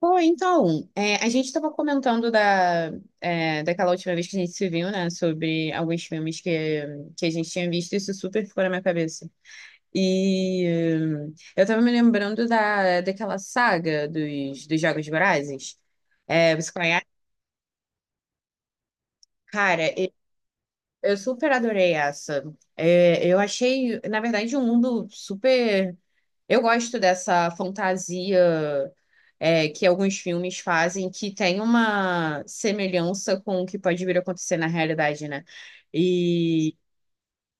Pô, então, é, a gente estava comentando da, daquela última vez que a gente se viu, né? Sobre alguns filmes que a gente tinha visto, isso super ficou na minha cabeça. E eu tava me lembrando daquela saga dos Jogos Vorazes. É, você conhece? Cara, eu super adorei essa. É, eu achei, na verdade, um mundo super. Eu gosto dessa fantasia é, que alguns filmes fazem, que tem uma semelhança com o que pode vir a acontecer na realidade, né? E,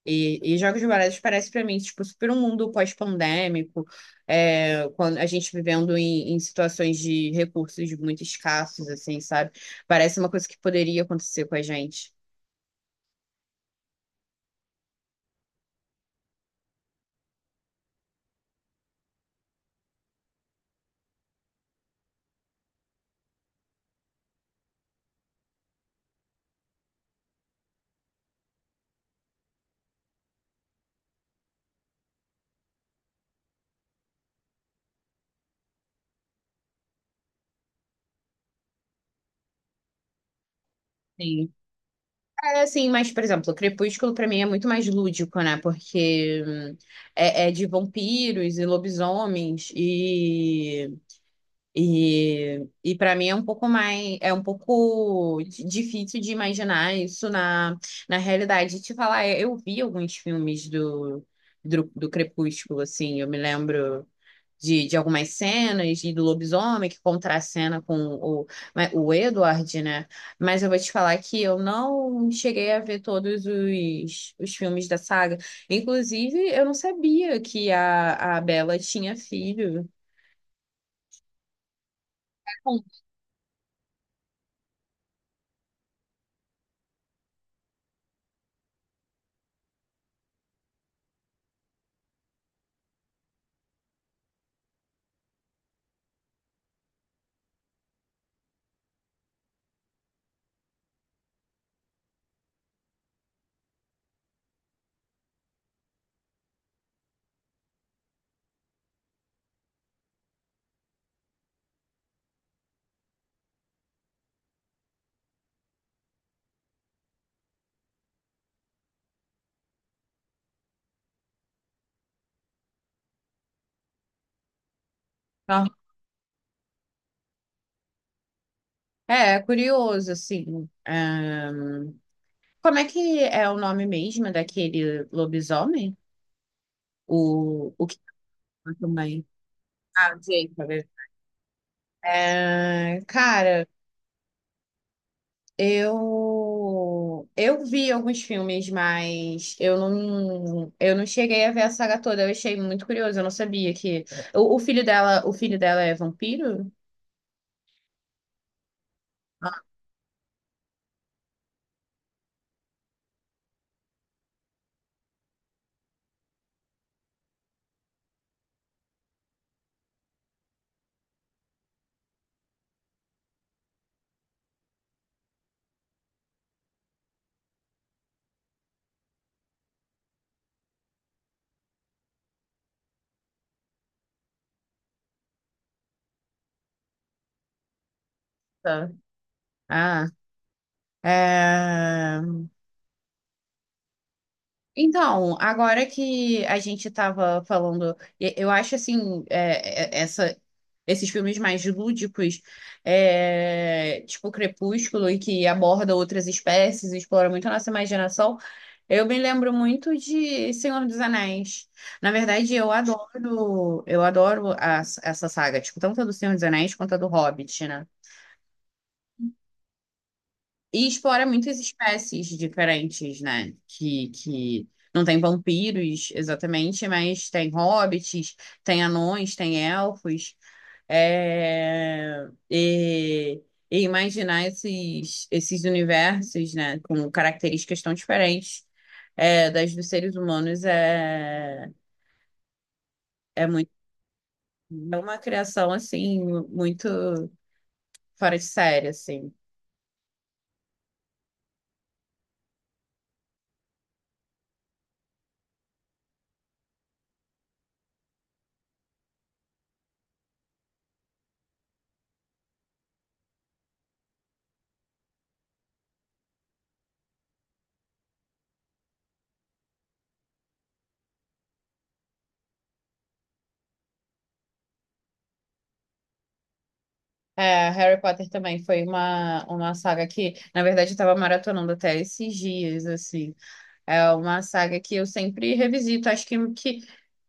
e Jogos Vorazes parece para mim, tipo, super um mundo pós-pandêmico, é, quando a gente vivendo em situações de recursos muito escassos, assim, sabe? Parece uma coisa que poderia acontecer com a gente. Sim. É assim, mas, por exemplo, o Crepúsculo pra mim é muito mais lúdico, né? Porque é de vampiros e lobisomens e para mim é um pouco mais é um pouco difícil de imaginar isso na, na realidade. Te falar, eu vi alguns filmes do Crepúsculo, assim, eu me lembro de algumas cenas e do lobisomem que contracena com né, o Edward, né? Mas eu vou te falar que eu não cheguei a ver todos os filmes da saga. Inclusive, eu não sabia que a Bella tinha filho. Então, é, é curioso, assim. Como é que é o nome mesmo daquele lobisomem? O que também. Ah, Jacob. É, cara, eu vi alguns filmes, mas eu não cheguei a ver a saga toda. Eu achei muito curioso, eu não sabia que o filho dela é vampiro? Tá. Ah, é... Então, agora que a gente estava falando, eu acho assim, esses filmes mais lúdicos, é, tipo Crepúsculo, e que aborda outras espécies, explora muito a nossa imaginação, eu me lembro muito de Senhor dos Anéis. Na verdade, eu adoro essa saga, tipo, tanto a do Senhor dos Anéis quanto a do Hobbit, né? E explora muitas espécies diferentes, né? Que não tem vampiros exatamente, mas tem hobbits, tem anões, tem elfos. É... E, e imaginar esses universos, né? Com características tão diferentes é, das dos seres humanos é, é muito. É uma criação, assim, muito fora de série, assim. É, Harry Potter também foi uma saga que, na verdade, eu estava maratonando até esses dias, assim. É uma saga que eu sempre revisito, acho que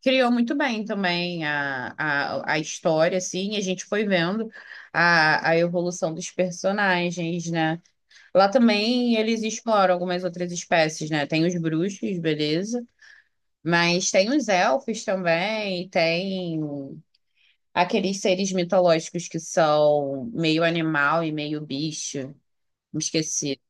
criou muito bem também a história, assim, e a gente foi vendo a evolução dos personagens, né? Lá também eles exploram algumas outras espécies, né? Tem os bruxos, beleza, mas tem os elfos também, tem. Aqueles seres mitológicos que são meio animal e meio bicho. Me esqueci.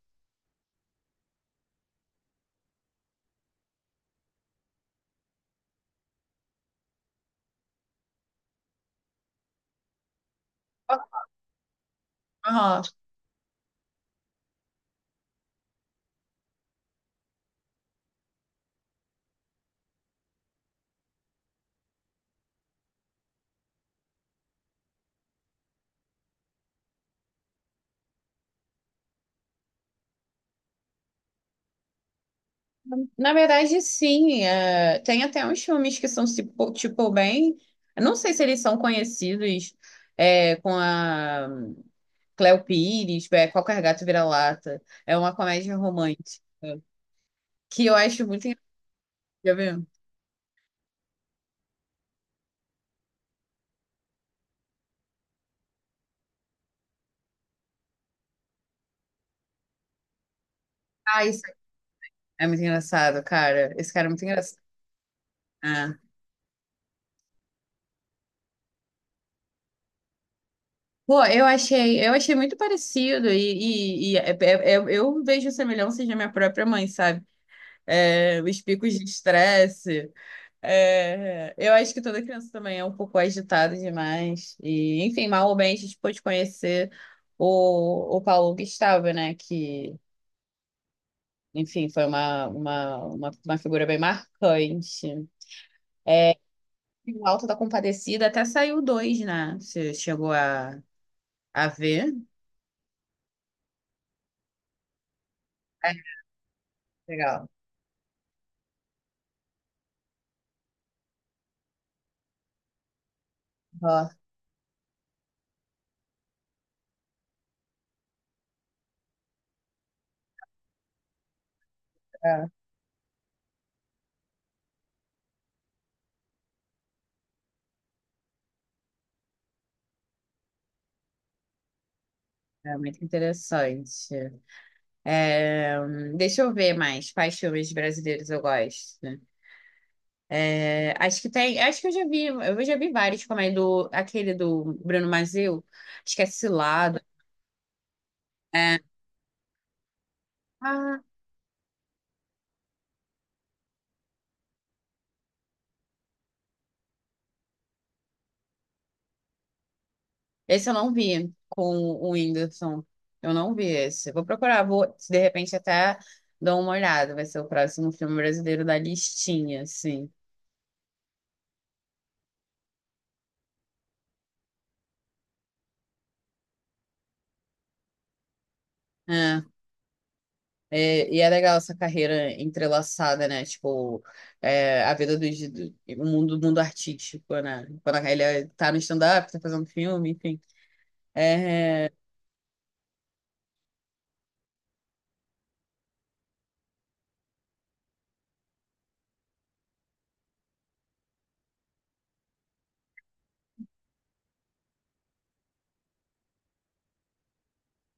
Aham. Na verdade, sim. É, tem até uns filmes que são, tipo, bem. Eu Não sei se eles são conhecidos é, com a Cleo Pires, é, Qualquer Gato Vira-Lata. É uma comédia romântica que eu acho muito engraçado. Já viu? Ah, isso é muito engraçado, cara. Esse cara é muito engraçado. Ah. Pô, eu achei muito parecido eu vejo semelhanças na minha própria mãe, sabe? É, os picos de estresse. É, eu acho que toda criança também é um pouco agitada demais. E, enfim, mal ou bem, a gente pôde conhecer o Paulo Gustavo, né? Que, enfim, foi uma figura bem marcante. É, e o Alto da Compadecida até saiu dois, né? Você chegou a ver? É, legal. Nossa. É. É muito interessante. É, deixa eu ver mais quais filmes brasileiros eu gosto. É, acho que tem, acho que eu já vi vários, como é do aquele do Bruno Mazzeo, acho que é Cilado. É. Ah, esse eu não vi com o Whindersson. Eu não vi esse. Vou procurar, vou se de repente até dou uma olhada. Vai ser o próximo filme brasileiro da listinha, assim. É. É, e é legal essa carreira entrelaçada, né? Tipo, é, a vida do o mundo artístico, né? Quando ele tá no stand-up, tá fazendo filme, enfim. É,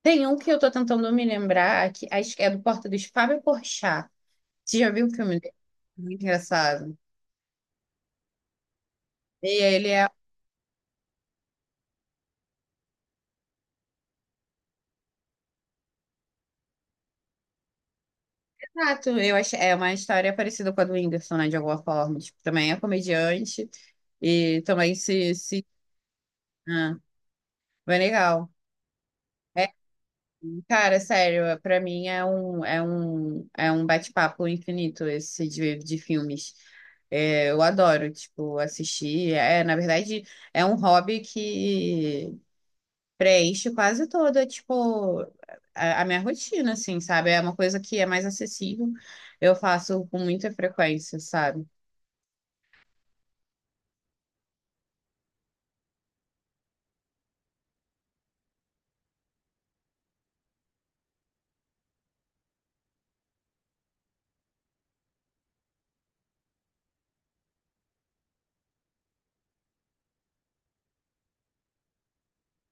tem um que eu tô tentando me lembrar, que acho que é do Porta dos Fábio Porchat. Você já viu o filme dele? Muito engraçado. E ele é. Exato, eu acho, é uma história parecida com a do Whindersson, né? De alguma forma. Tipo, também é comediante e também se. Se... Ah, bem legal. É, cara, sério, pra mim é é um bate-papo infinito esse de filmes. É, eu adoro, tipo, assistir. É, na verdade, é um hobby que preenche quase toda, tipo, a minha rotina, assim, sabe? É uma coisa que é mais acessível. Eu faço com muita frequência, sabe?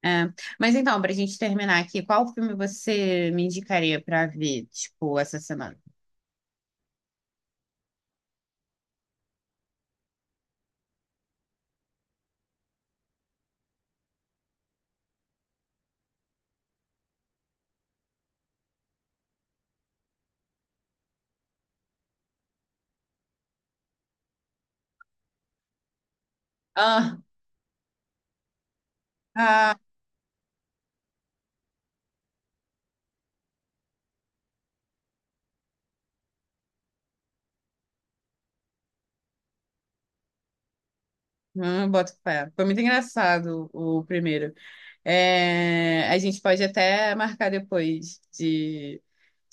É. Mas então, pra gente terminar aqui, qual filme você me indicaria pra ver, tipo, essa semana? Ah, hum, boto fé. Foi muito engraçado o primeiro. É, a gente pode até marcar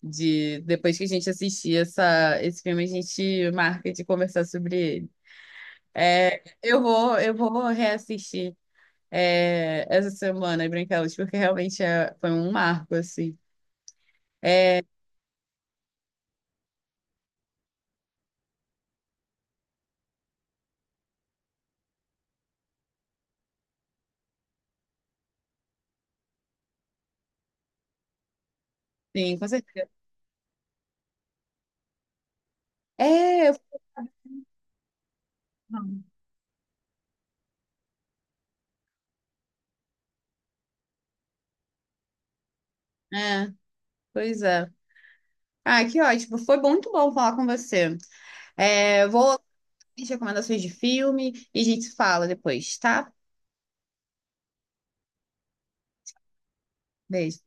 de depois que a gente assistir esse filme, a gente marca de conversar sobre ele. É, eu vou reassistir é, essa semana Branquelas, porque realmente foi um marco, assim. É, sim, com certeza. É, eu- é, pois é. Ah, que ótimo. Foi muito bom falar com você. É, vou recomendações de filme e a gente se fala depois, tá? Beijo.